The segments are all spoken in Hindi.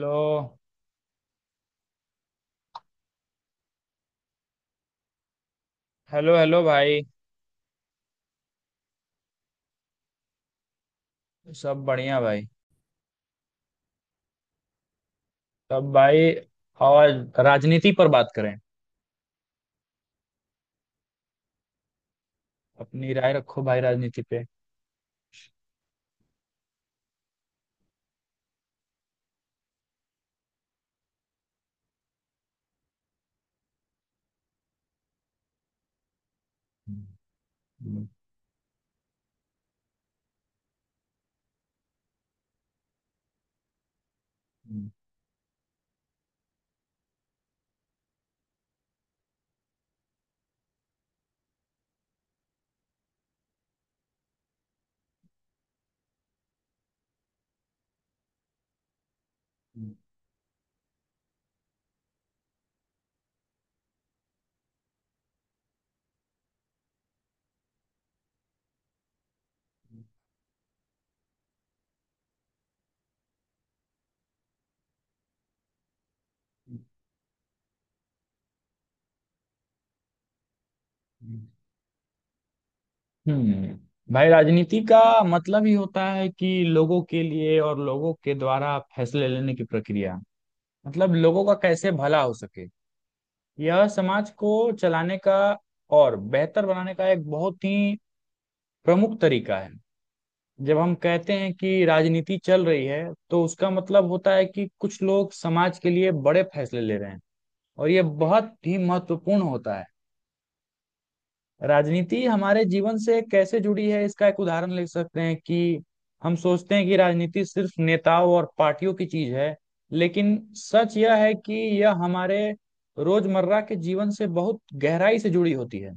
लो। हेलो हेलो भाई। सब बढ़िया भाई। तब भाई। और राजनीति पर बात करें। अपनी राय रखो भाई, राजनीति पे। हम्म भाई, राजनीति का मतलब ही होता है कि लोगों के लिए और लोगों के द्वारा फैसले लेने की प्रक्रिया। मतलब, लोगों का कैसे भला हो सके। यह समाज को चलाने का और बेहतर बनाने का एक बहुत ही प्रमुख तरीका है। जब हम कहते हैं कि राजनीति चल रही है, तो उसका मतलब होता है कि कुछ लोग समाज के लिए बड़े फैसले ले रहे हैं, और ये बहुत ही महत्वपूर्ण होता है। राजनीति हमारे जीवन से कैसे जुड़ी है, इसका एक उदाहरण ले सकते हैं कि हम सोचते हैं कि राजनीति सिर्फ नेताओं और पार्टियों की चीज है, लेकिन सच यह है कि यह हमारे रोजमर्रा के जीवन से बहुत गहराई से जुड़ी होती है।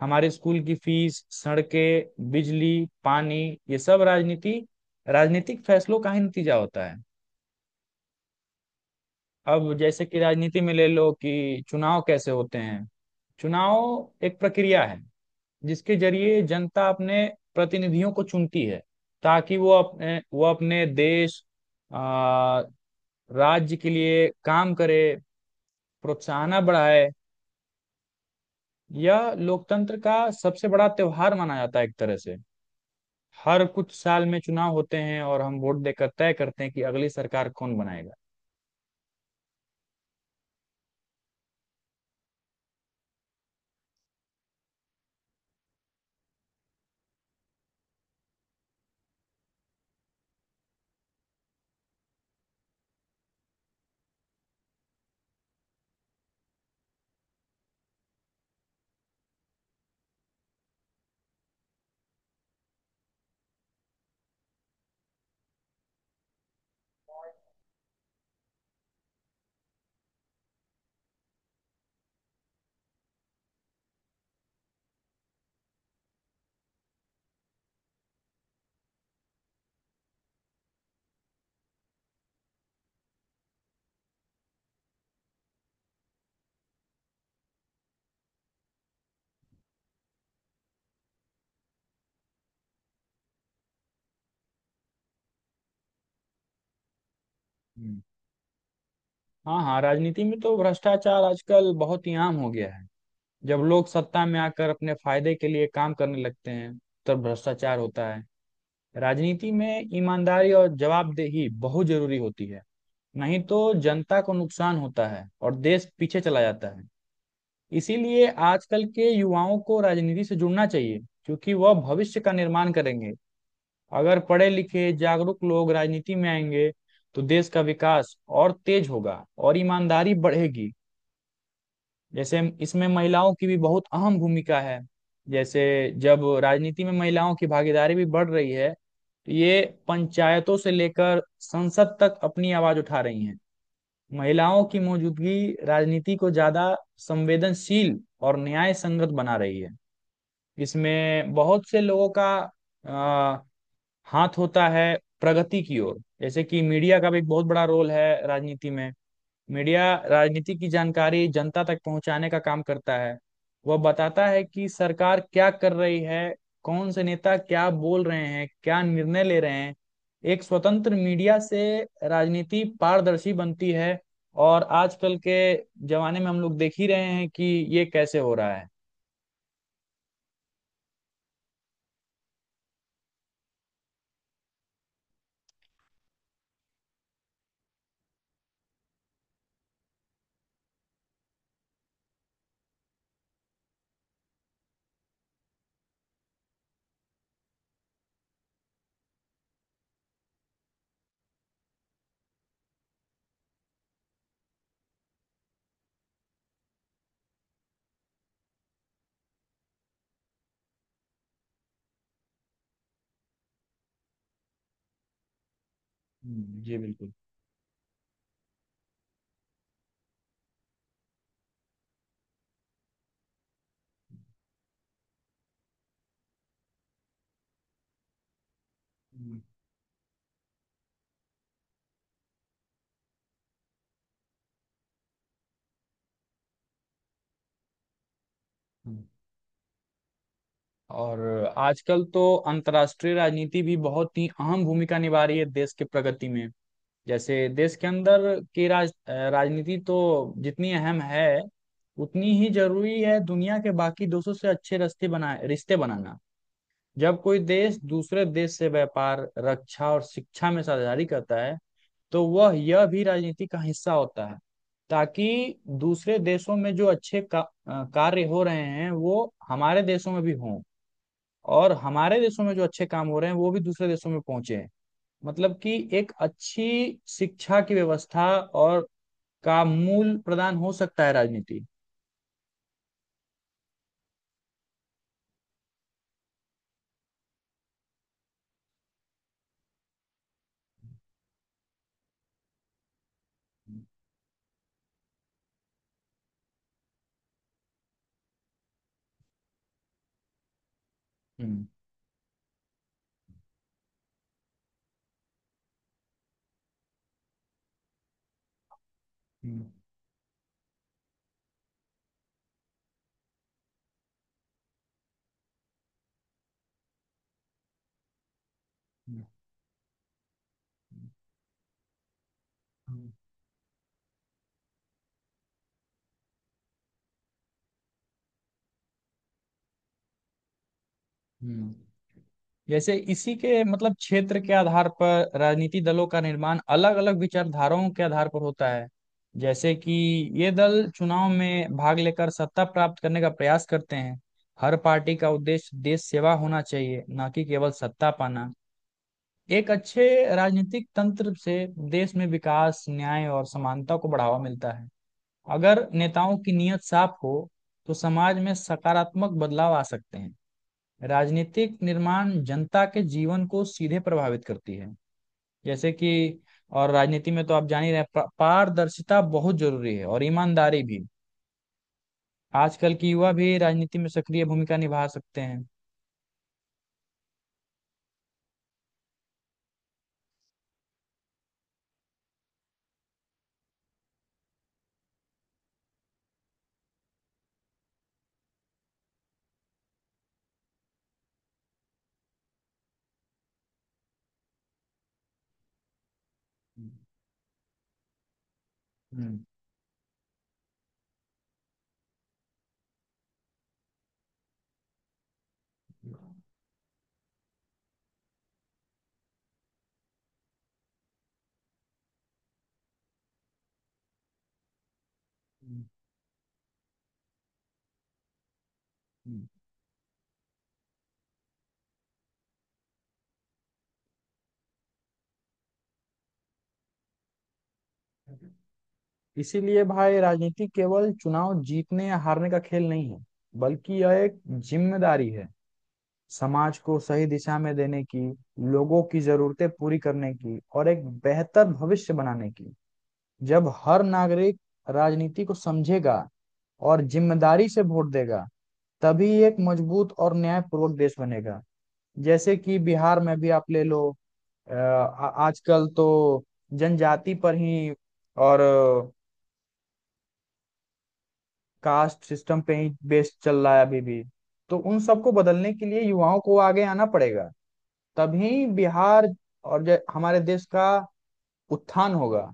हमारे स्कूल की फीस, सड़कें, बिजली, पानी, ये सब राजनीतिक फैसलों का ही नतीजा होता है। अब जैसे कि राजनीति में ले लो कि चुनाव कैसे होते हैं। चुनाव एक प्रक्रिया है जिसके जरिए जनता अपने प्रतिनिधियों को चुनती है, ताकि वो अपने देश, आ, राज्य के लिए काम करे, प्रोत्साहन बढ़ाए। यह लोकतंत्र का सबसे बड़ा त्योहार माना जाता है, एक तरह से। हर कुछ साल में चुनाव होते हैं और हम वोट देकर तय करते हैं कि अगली सरकार कौन बनाएगा। हम्म, हाँ हाँ, राजनीति में तो भ्रष्टाचार आजकल बहुत ही आम हो गया है। जब लोग सत्ता में आकर अपने फायदे के लिए काम करने लगते हैं, तब भ्रष्टाचार होता है। राजनीति में ईमानदारी और जवाबदेही बहुत जरूरी होती है, नहीं तो जनता को नुकसान होता है और देश पीछे चला जाता है। इसीलिए आजकल के युवाओं को राजनीति से जुड़ना चाहिए, क्योंकि वह भविष्य का निर्माण करेंगे। अगर पढ़े लिखे जागरूक लोग राजनीति में आएंगे, तो देश का विकास और तेज होगा और ईमानदारी बढ़ेगी। जैसे इसमें महिलाओं की भी बहुत अहम भूमिका है। जैसे, जब राजनीति में महिलाओं की भागीदारी भी बढ़ रही है, तो ये पंचायतों से लेकर संसद तक अपनी आवाज उठा रही हैं। महिलाओं की मौजूदगी राजनीति को ज्यादा संवेदनशील और न्याय संगत बना रही है। इसमें बहुत से लोगों का आ, हाथ होता है प्रगति की ओर। जैसे कि मीडिया का भी एक बहुत बड़ा रोल है राजनीति में। मीडिया राजनीति की जानकारी जनता तक पहुंचाने का काम करता है। वह बताता है कि सरकार क्या कर रही है, कौन से नेता क्या बोल रहे हैं, क्या निर्णय ले रहे हैं। एक स्वतंत्र मीडिया से राजनीति पारदर्शी बनती है। और आजकल के जमाने में हम लोग देख ही रहे हैं कि ये कैसे हो रहा है। हम्म। जी बिल्कुल। हम्म। हम्म। और आजकल तो अंतर्राष्ट्रीय राजनीति भी बहुत ही अहम भूमिका निभा रही है देश के प्रगति में। जैसे देश के अंदर की राजनीति तो जितनी अहम है, उतनी ही जरूरी है दुनिया के बाकी देशों से अच्छे रिश्ते बनाना। जब कोई देश दूसरे देश से व्यापार, रक्षा और शिक्षा में साझेदारी करता है, तो वह यह भी राजनीति का हिस्सा होता है। ताकि दूसरे देशों में जो अच्छे कार्य हो रहे हैं, वो हमारे देशों में भी हों, और हमारे देशों में जो अच्छे काम हो रहे हैं वो भी दूसरे देशों में पहुंचे हैं। मतलब कि एक अच्छी शिक्षा की व्यवस्था और का मूल प्रदान हो सकता है राजनीति। हम्म। हम्म। हम्म। हम्म। हम्म। जैसे इसी के मतलब क्षेत्र के आधार पर राजनीति दलों का निर्माण अलग अलग विचारधाराओं के आधार पर होता है। जैसे कि ये दल चुनाव में भाग लेकर सत्ता प्राप्त करने का प्रयास करते हैं। हर पार्टी का उद्देश्य देश सेवा होना चाहिए, ना कि केवल सत्ता पाना। एक अच्छे राजनीतिक तंत्र से देश में विकास, न्याय और समानता को बढ़ावा मिलता है। अगर नेताओं की नीयत साफ हो, तो समाज में सकारात्मक बदलाव आ सकते हैं। राजनीतिक निर्माण जनता के जीवन को सीधे प्रभावित करती है। जैसे कि, और राजनीति में तो आप जान ही रहे हैं, पारदर्शिता बहुत जरूरी है और ईमानदारी भी। आजकल की युवा भी राजनीति में सक्रिय भूमिका निभा सकते हैं। हम्म। हम्म। हम्म। हम्म। इसीलिए भाई, राजनीति केवल चुनाव जीतने या हारने का खेल नहीं है, बल्कि यह एक जिम्मेदारी है समाज को सही दिशा में देने की, लोगों की जरूरतें पूरी करने की और एक बेहतर भविष्य बनाने की। जब हर नागरिक राजनीति को समझेगा और जिम्मेदारी से वोट देगा, तभी एक मजबूत और न्यायपूर्वक देश बनेगा। जैसे कि बिहार में भी आप ले लो। आजकल तो जनजाति पर ही और कास्ट सिस्टम पे ही बेस्ड चल रहा है अभी भी। तो उन सबको बदलने के लिए युवाओं को आगे आना पड़ेगा। तभी बिहार और हमारे देश का उत्थान होगा।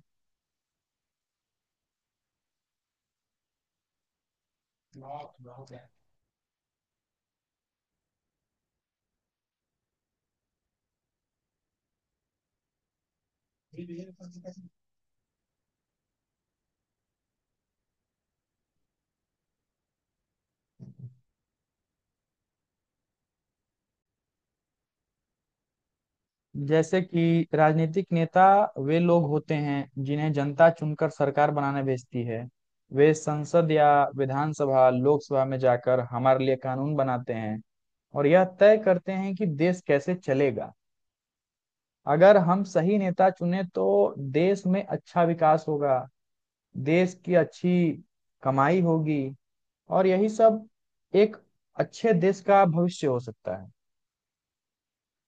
जैसे कि राजनीतिक नेता वे लोग होते हैं जिन्हें जनता चुनकर सरकार बनाने भेजती है। वे संसद या विधानसभा, लोकसभा में जाकर हमारे लिए कानून बनाते हैं, और यह तय करते हैं कि देश कैसे चलेगा। अगर हम सही नेता चुने तो देश में अच्छा विकास होगा, देश की अच्छी कमाई होगी। और यही सब एक अच्छे देश का भविष्य हो सकता है।